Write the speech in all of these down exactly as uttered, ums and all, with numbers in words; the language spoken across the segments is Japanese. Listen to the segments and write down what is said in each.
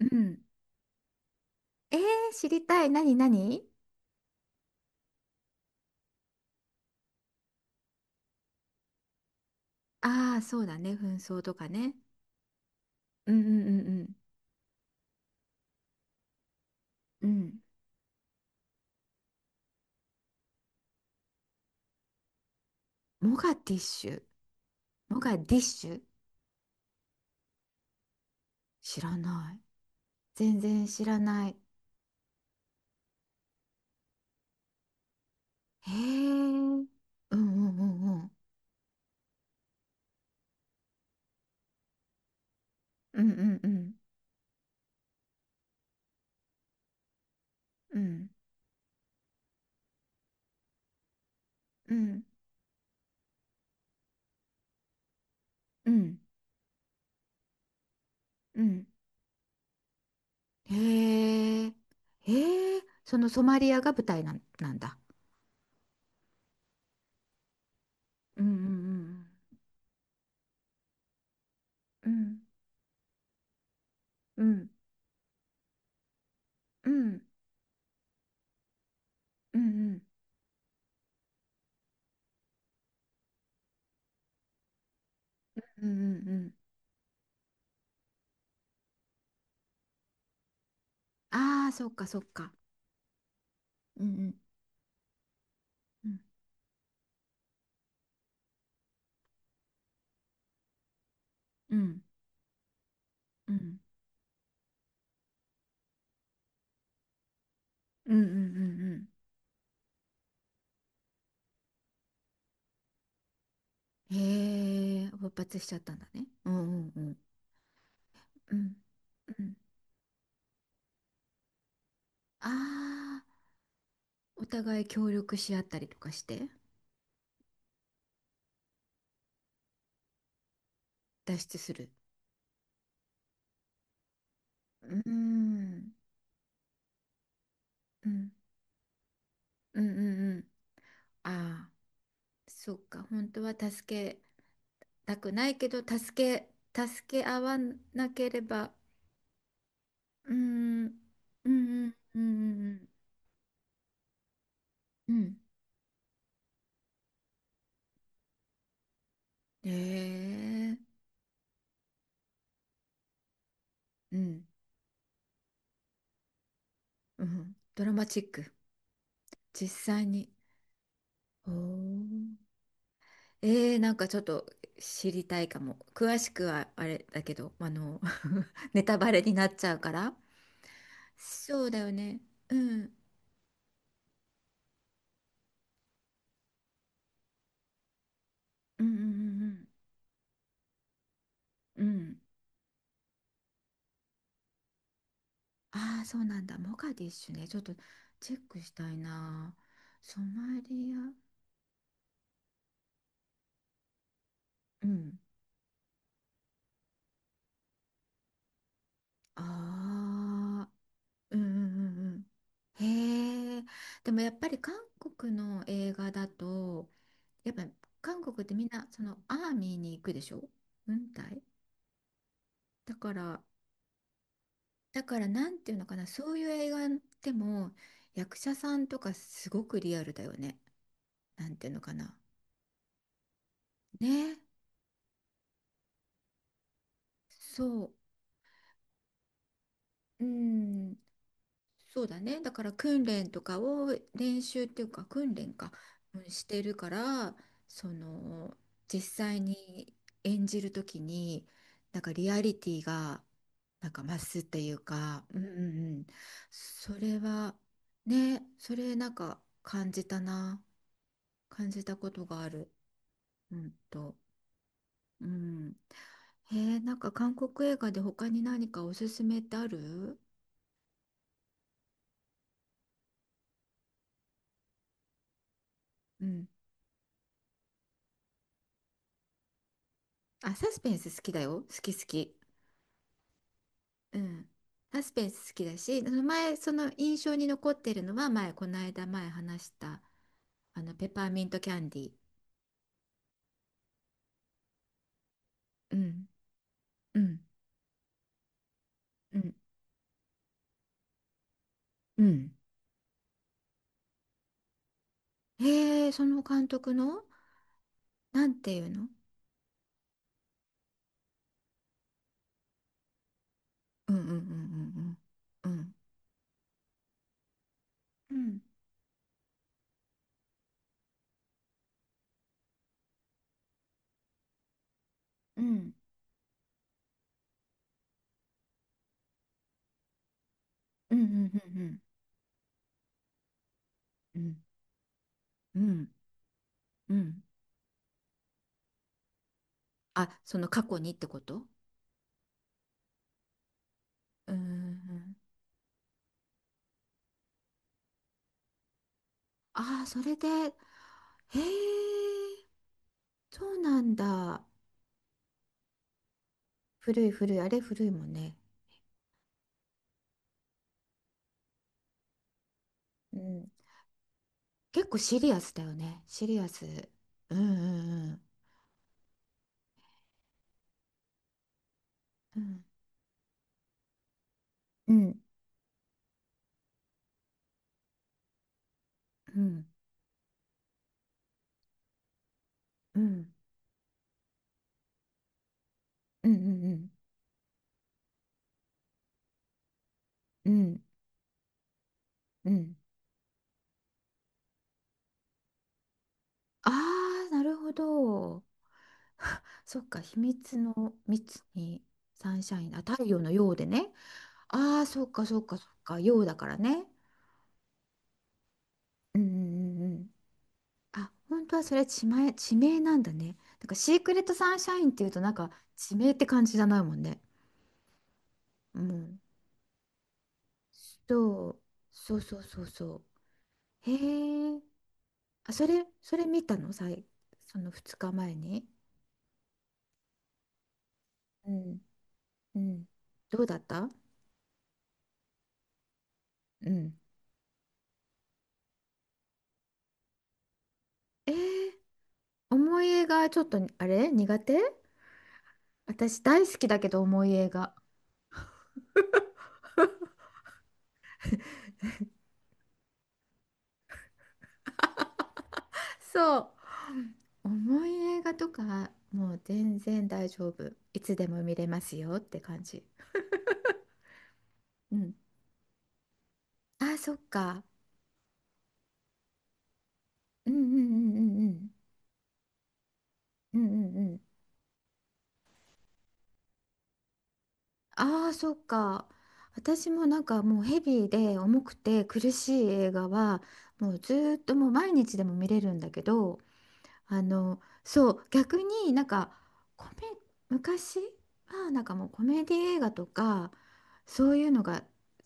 うん。えー、知りたい。何何。ああー、そうだね。紛争とかね。うんうんうんうん。うん。モガディッシュ。モガディッシュ、知らない。全然知らない。へえ。うんうんうんうん。うんうんうんうんうんうんうん。へえ。へえ。そのソマリアが舞台なん、なんだ。うんうんうんうんうんうんうんうんうんうんうんうん。ああー、そっかそっか。うんうんうんうんうんうんうんうんうん、へえ、勃発しちゃったんだね。うんうんうんうんうん。ああー、お互い協力し合ったりとかして脱出する。うーんうんうんうんうん。ああー、そっか、本当は助けたくないけど、助け、助け合わなければ。うーんうんうんうんうんうんうん。へえ。うんうん、ドラマチック。実際に。おー。えー、なんかちょっと知りたいかも。詳しくはあれだけど、あの ネタバレになっちゃうから。そうだよね。うん。うんうんうんうん。うん。ああ、そうなんだ。モガディッシュね。ちょっとチェックしたいな。ソマリア。うん。ああ。うんうんうんうん。へえ。でもやっぱり韓国の映画だと、やっぱ韓国ってみんなそのアーミーに行くでしょ。軍隊だから。だからなんていうのかな、そういう映画でも役者さんとかすごくリアルだよね。なんていうのかな、ね。そう、うん、そうだね。だから訓練とかを、練習っていうか訓練か、うん、してるから、その実際に演じるときに、なんかリアリティがなんか増すっていうか、うんうんうん。それはね、それなんか感じたな。感じたことがある。うんと。うん。へえ、なんか韓国映画で他に何かおすすめってある？うん。あ、サスペンス好きだよ。好き好き。うん、サスペンス好きだし、その前、その印象に残ってるのは前、この間前話した、あの、ペパーミントキャンディー。うん、うん、うん、うん。へえ、その監督の、なんていうの。うんうんうんうんうんうん。うんうんうんうんうんうんうんうんうんうん。あ、その過去にってこと？うんうんうん。あー、それで、へえ、そうなんだ。古い古い、あれ古いもんね。うん。結構シリアスだよね。シリアス。うんうんうん。うん。うん。うんうんうん。うんうん。ああー、なるほど。そっか、秘密の密にサンシャイン。あ、太陽のようでね。ああ、そっかそっかそっか。ようだからね。うんうんうんうん。あ、本当はそれ地名、地名なんだね。なんかシークレットサンシャインっていうとなんか地名って感じじゃないもんね。うん。そう。そうそうそうそう。へえ。あ、それ、それ見たのさい、そのふつかまえに。うん、うん、どうだった？うん。えー、重い映画ちょっとあれ苦手。私大好きだけど重い映画。そう。重い映画とかもう全然大丈夫。いつでも見れますよって感じ。うん。あ、そっか。うんうんうんうんうんうんうんうん。ああ、そうか。私もなんかもうヘビーで重くて苦しい映画はもうずーっともう毎日でも見れるんだけど、あの、そう、逆になんかコメ、昔はなんかもうコメディ映画とかそういうのが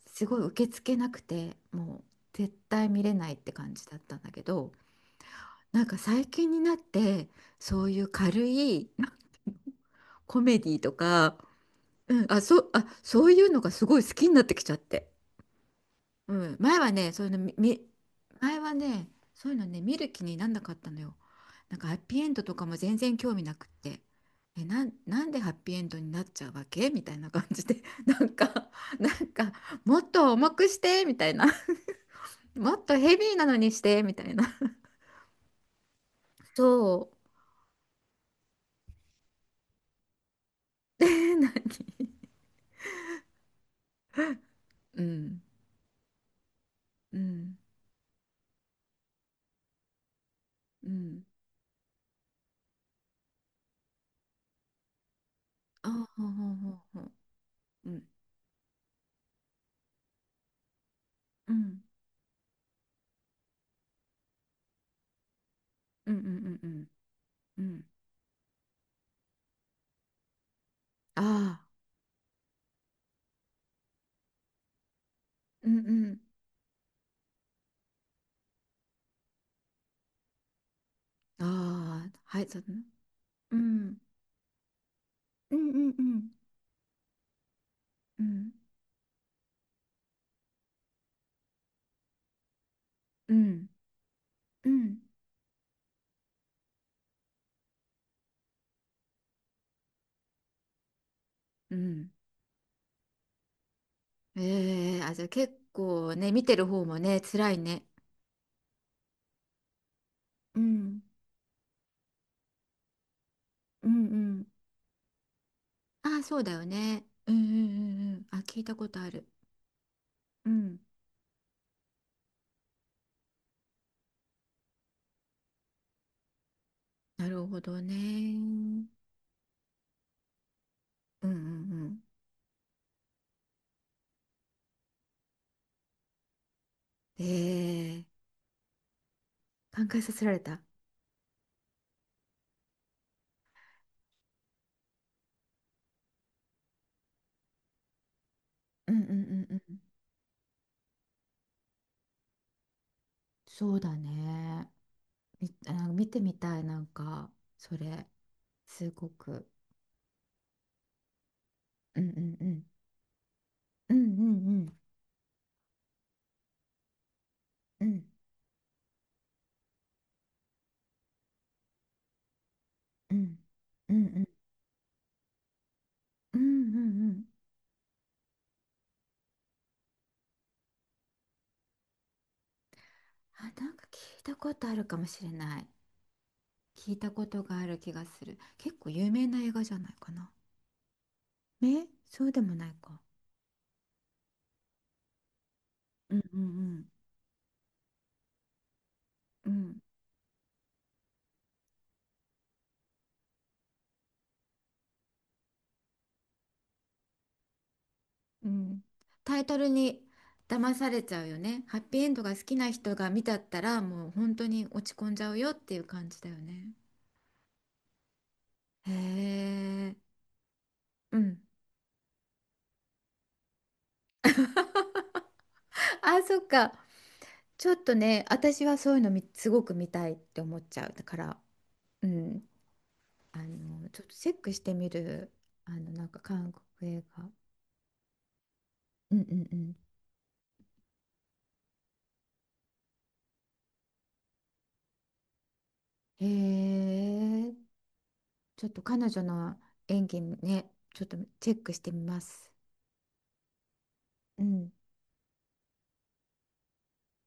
すごい受け付けなくてもう絶対見れないって感じだったんだけど、なんか最近になってそういう軽い コメディとか、うん、あ、そう、あ、そういうのがすごい好きになってきちゃって。うん、前はね、そういうのみ、み前はね、そういうのね、見る気になんなかったのよ。なんかハッピーエンドとかも全然興味なくって。え、なん、なんでハッピーエンドになっちゃうわけみたいな感じで、なんか、なんか、もっと重くして、みたいな。もっとヘビーなのにして、みたいな。そう。で、何？ うん、うん、うん。あ、ほうほうほうほう。うん、うん、うん、うん、うん、うん。うん、ああ、うんうん。あ、ああ、はい、そうだね。うん。うんうんうんうんうんうんうん。ええ、あ、じゃあ結構ね、見てる方もね、辛いね。うんうんうん。ああ、そうだよね。うんうんうんうん。あ、聞いたことある。うん。なるほどね。うんうんうん。ええ、考えさせられた。うんうんうんうん。そうだね。み、あ、見てみたい、なんかそれ、すごく。うんうんうんうんうんうんうんうんうんうんうんうん。あ、なんか聞いたことあるかもしれない。聞いたことがある気がする。結構有名な映画じゃないかな。ね、そうでもないか。うんうんうんうん。うん、タイトルに騙されちゃうよね。ハッピーエンドが好きな人が見たったらもう本当に落ち込んじゃうよっていう感じだよね。へえ。うん。あ、そっか。ちょっとね、私はそういうのみすごく見たいって思っちゃう。だから、うん、あの、ちょっとチェックしてみる。あの、なんか韓国映画。うんうんうん。へえ、ちょっと彼女の演技ね、ちょっとチェックしてみます。うん。